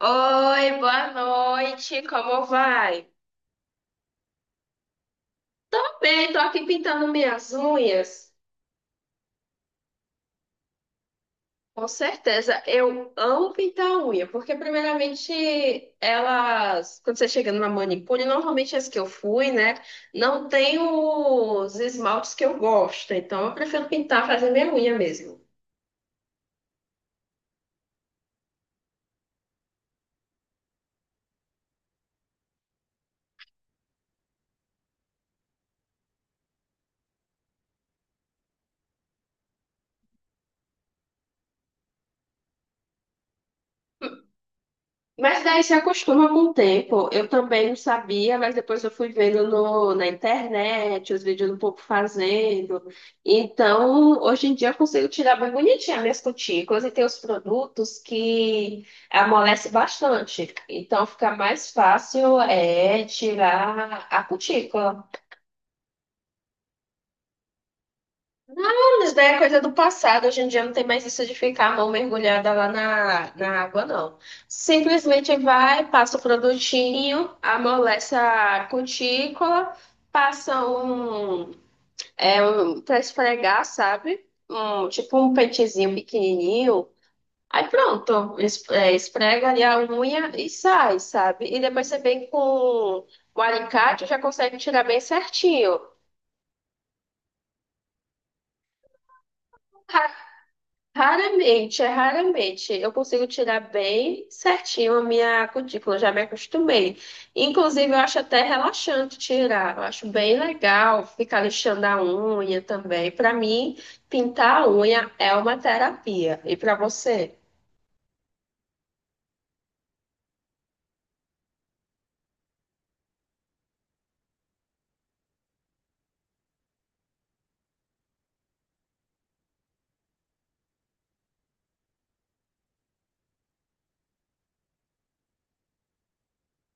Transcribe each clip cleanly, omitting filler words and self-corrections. Oi, boa noite, como vai? Tô bem, tô aqui pintando minhas unhas. Com certeza, eu amo pintar a unha, porque primeiramente elas, quando você chega numa manicure, normalmente as que eu fui, né, não tem os esmaltes que eu gosto, então eu prefiro pintar, fazer minha unha mesmo. Mas daí se acostuma com o tempo. Eu também não sabia, mas depois eu fui vendo no, na internet, os vídeos do povo fazendo. Então, hoje em dia eu consigo tirar bem bonitinha minhas cutículas e tem os produtos que amolece bastante. Então, fica mais fácil é tirar a cutícula. Anos, né? Coisa do passado. Hoje em dia não tem mais isso de ficar a mão mergulhada lá na água, não. Simplesmente vai, passa o produtinho, amolece a cutícula, passa um para esfregar, sabe? Um, tipo um pentezinho pequenininho. Aí pronto, esfrega ali a unha e sai, sabe? E depois você vem com o alicate, já consegue tirar bem certinho. Raramente, é raramente. Eu consigo tirar bem certinho a minha cutícula, já me acostumei. Inclusive, eu acho até relaxante tirar. Eu acho bem legal ficar lixando a unha também. Para mim, pintar a unha é uma terapia. E para você?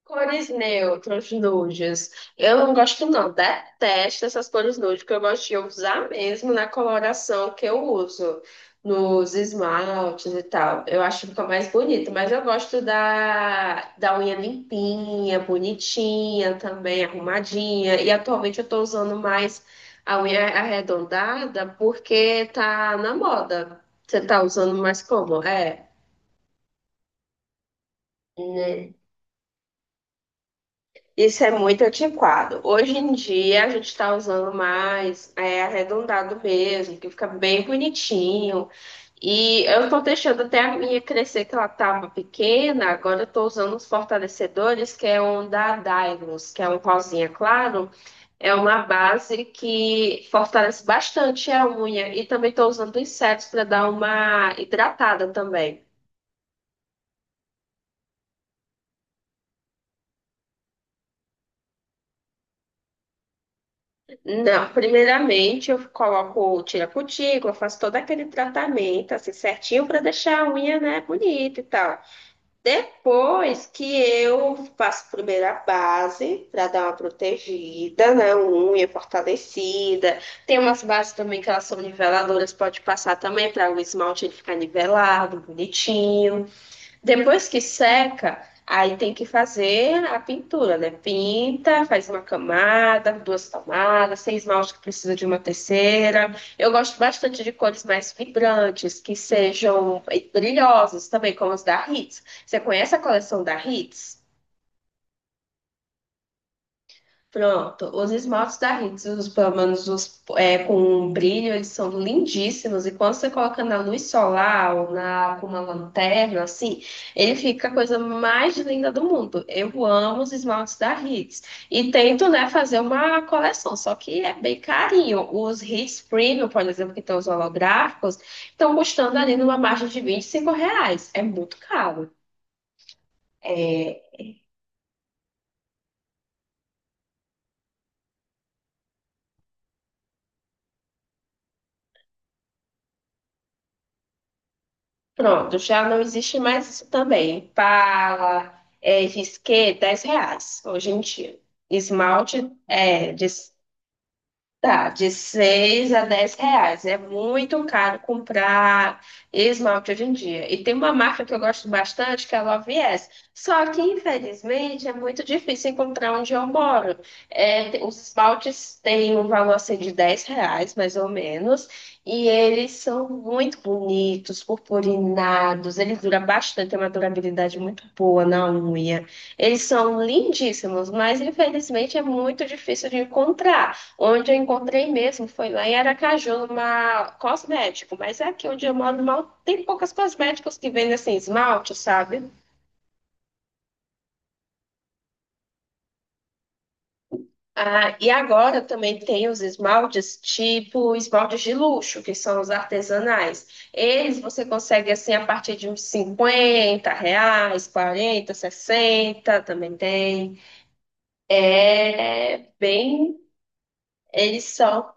Cores neutras, nudes. Eu não gosto, não. Detesto essas cores nude, porque eu gosto de usar mesmo na coloração que eu uso, nos esmaltes e tal. Eu acho que fica mais bonito, mas eu gosto da, da unha limpinha, bonitinha também, arrumadinha. E atualmente eu tô usando mais a unha arredondada porque tá na moda. Você tá usando mais como? É. Isso é muito antiquado. Hoje em dia a gente está usando mais arredondado mesmo, que fica bem bonitinho. E eu estou deixando até a minha crescer, que ela estava pequena. Agora eu estou usando os fortalecedores, que é um da Dylos, que é um rosinha claro. É uma base que fortalece bastante a unha. E também estou usando insetos para dar uma hidratada também. Não, primeiramente eu coloco, tiro a cutícula, faço todo aquele tratamento assim certinho para deixar a unha, né, bonita e tal. Depois que eu faço primeiro a base para dar uma protegida, né, uma unha fortalecida. Tem umas bases também que elas são niveladoras, pode passar também para o esmalte ele ficar nivelado, bonitinho. Depois que seca, aí tem que fazer a pintura, né? Pinta, faz uma camada, duas camadas, sem esmalte que precisa de uma terceira. Eu gosto bastante de cores mais vibrantes, que sejam brilhosas também, como as da Hits. Você conhece a coleção da Hits? Pronto, os esmaltes da Hits, os, pelo menos os com um brilho, eles são lindíssimos. E quando você coloca na luz solar ou com uma lanterna, assim, ele fica a coisa mais linda do mundo. Eu amo os esmaltes da Hits. E tento, né, fazer uma coleção, só que é bem carinho. Os Hits Premium, por exemplo, que estão os holográficos, estão custando ali numa margem de 25 reais. É muito caro. É. Pronto, já não existe mais isso também. Pala, risqué, 10 reais hoje em dia. Esmalte é de. Tá, de 6 a 10 reais. É muito caro comprar esmalte hoje em dia. E tem uma marca que eu gosto bastante, que é a Love Yes. Só que, infelizmente, é muito difícil encontrar onde eu moro. É, os esmaltes têm um valor assim, de 10 reais, mais ou menos. E eles são muito bonitos, purpurinados. Eles duram bastante, tem uma durabilidade muito boa na unha. Eles são lindíssimos, mas, infelizmente, é muito difícil de encontrar. Onde eu encontrei mesmo foi lá em Aracaju, numa cosmético, mas é aqui onde eu moro mal tem poucas cosméticos que vendem assim esmalte, sabe? Ah, e agora também tem os esmaltes tipo esmaltes de luxo, que são os artesanais. Eles você consegue assim a partir de uns 50 reais, 40, 60, também tem. É bem, eles são.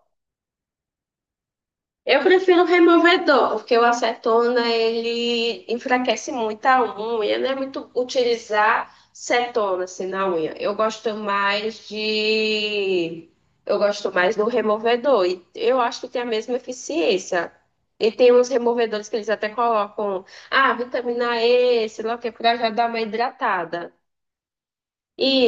Eu prefiro removedor, porque o acetona ele enfraquece muito a unha, não é muito utilizar cetona assim na unha. Eu gosto mais do removedor e eu acho que tem a mesma eficiência. E tem uns removedores que eles até colocam, vitamina E, sei lá o que, pra já dar uma hidratada.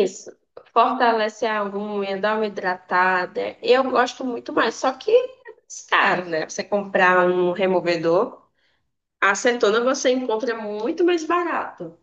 Isso, fortalece a unha, dá uma hidratada. Eu gosto muito mais, só que é mais caro, né? Você comprar um removedor, acetona você encontra muito mais barato.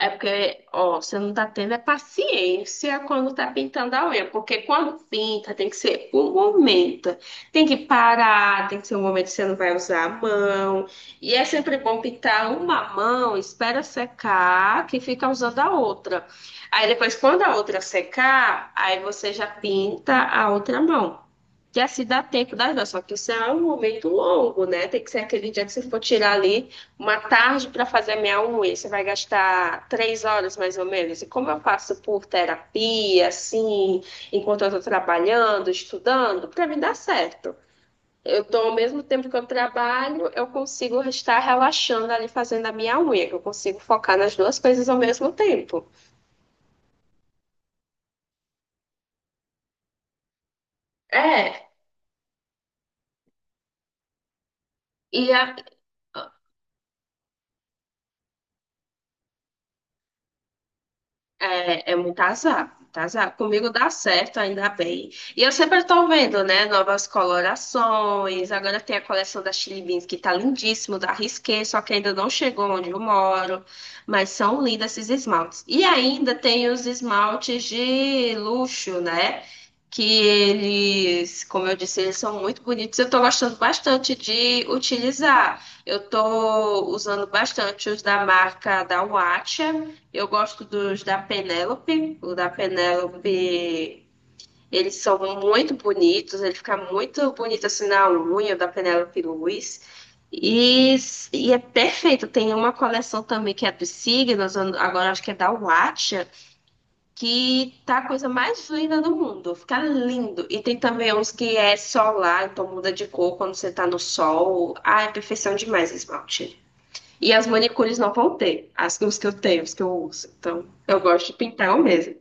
É porque, ó, você não tá tendo é paciência quando tá pintando a unha, porque quando pinta tem que ser um momento, tem que parar, tem que ser um momento que você não vai usar a mão, e é sempre bom pintar uma mão, espera secar, que fica usando a outra. Aí depois, quando a outra secar, aí você já pinta a outra mão que assim dá tempo das duas, só que isso é um momento longo, né? Tem que ser aquele dia que você for tirar ali uma tarde para fazer a minha unha, você vai gastar 3 horas mais ou menos. E como eu passo por terapia, assim, enquanto eu estou trabalhando, estudando, para mim dá certo. Eu tô, ao mesmo tempo que eu trabalho, eu consigo estar relaxando ali fazendo a minha unha, que eu consigo focar nas duas coisas ao mesmo tempo. É. e a- É, é muito azar, muito azar. Comigo dá certo, ainda bem. E eu sempre estou vendo, né, novas colorações. Agora tem a coleção da Chili Beans, que tá lindíssimo, da Risqué, só que ainda não chegou onde eu moro. Mas são lindos esses esmaltes. E ainda tem os esmaltes de luxo, né? Que eles, como eu disse, eles são muito bonitos. Eu estou gostando bastante de utilizar. Eu estou usando bastante os da marca da Watch. Eu gosto dos da Penélope. O da Penélope, eles são muito bonitos. Ele fica muito bonito assim na unha o da Penélope Luiz. E, e é perfeito. Tem uma coleção também que é dos signos, agora acho que é da Watcha, que tá a coisa mais linda do mundo. Fica lindo. E tem também uns que é solar, então muda de cor quando você tá no sol. Ah, é perfeição demais esse esmalte. E as manicures não vão ter, os que eu tenho, os que eu uso. Então, eu gosto de pintar eu mesmo.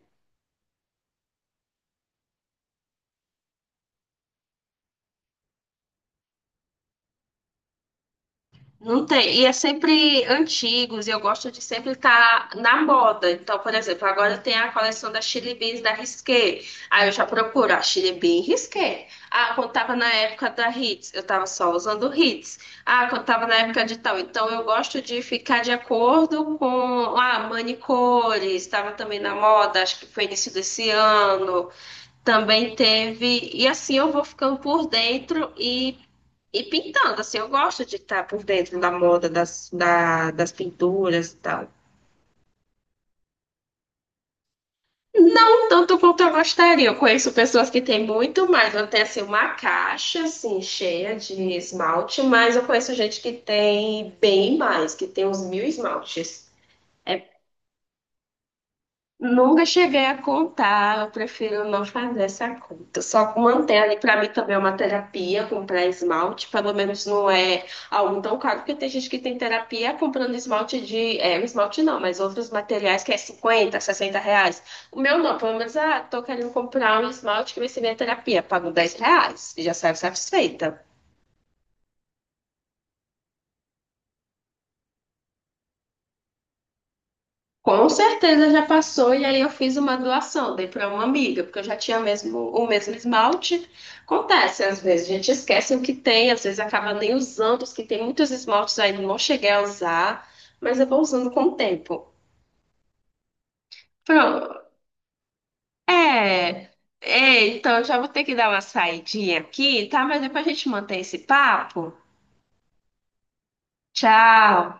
Não tem, e é sempre antigos, e eu gosto de sempre estar na moda. Então, por exemplo, agora tem a coleção da Chili Beans da Risqué. Aí eu já procuro a Chili Bean Risqué. Ah, quando tava na época da Hits, eu tava só usando Hits. Ah, quando tava na época de tal. Então, eu gosto de ficar de acordo com, manicores, estava também na moda, acho que foi início desse ano. Também teve. E assim eu vou ficando por dentro e pintando. Assim, eu gosto de estar por dentro da moda, das pinturas e tal. Não tanto quanto eu gostaria. Eu conheço pessoas que têm muito mais. Eu tenho assim, uma caixa assim, cheia de esmalte, mas eu conheço gente que tem bem mais, que tem uns mil esmaltes. Nunca cheguei a contar, eu prefiro não fazer essa conta. Só manter ali, para mim também é uma terapia, comprar esmalte, pelo menos não é algo tão caro, porque tem gente que tem terapia comprando esmalte de. É, esmalte não, mas outros materiais que é 50, 60 reais. O meu não, pelo menos, ah, tô querendo comprar um esmalte que vai ser minha terapia, pago 10 reais, e já saio satisfeita. Com certeza já passou e aí eu fiz uma doação, dei para uma amiga, porque eu já tinha mesmo, o mesmo esmalte. Acontece, às vezes a gente esquece o que tem, às vezes acaba nem usando, os que tem muitos esmaltes ainda não cheguei a usar, mas eu vou usando com o tempo. Pronto. É, é, então eu já vou ter que dar uma saidinha aqui, tá? Mas depois a gente mantém esse papo. Tchau.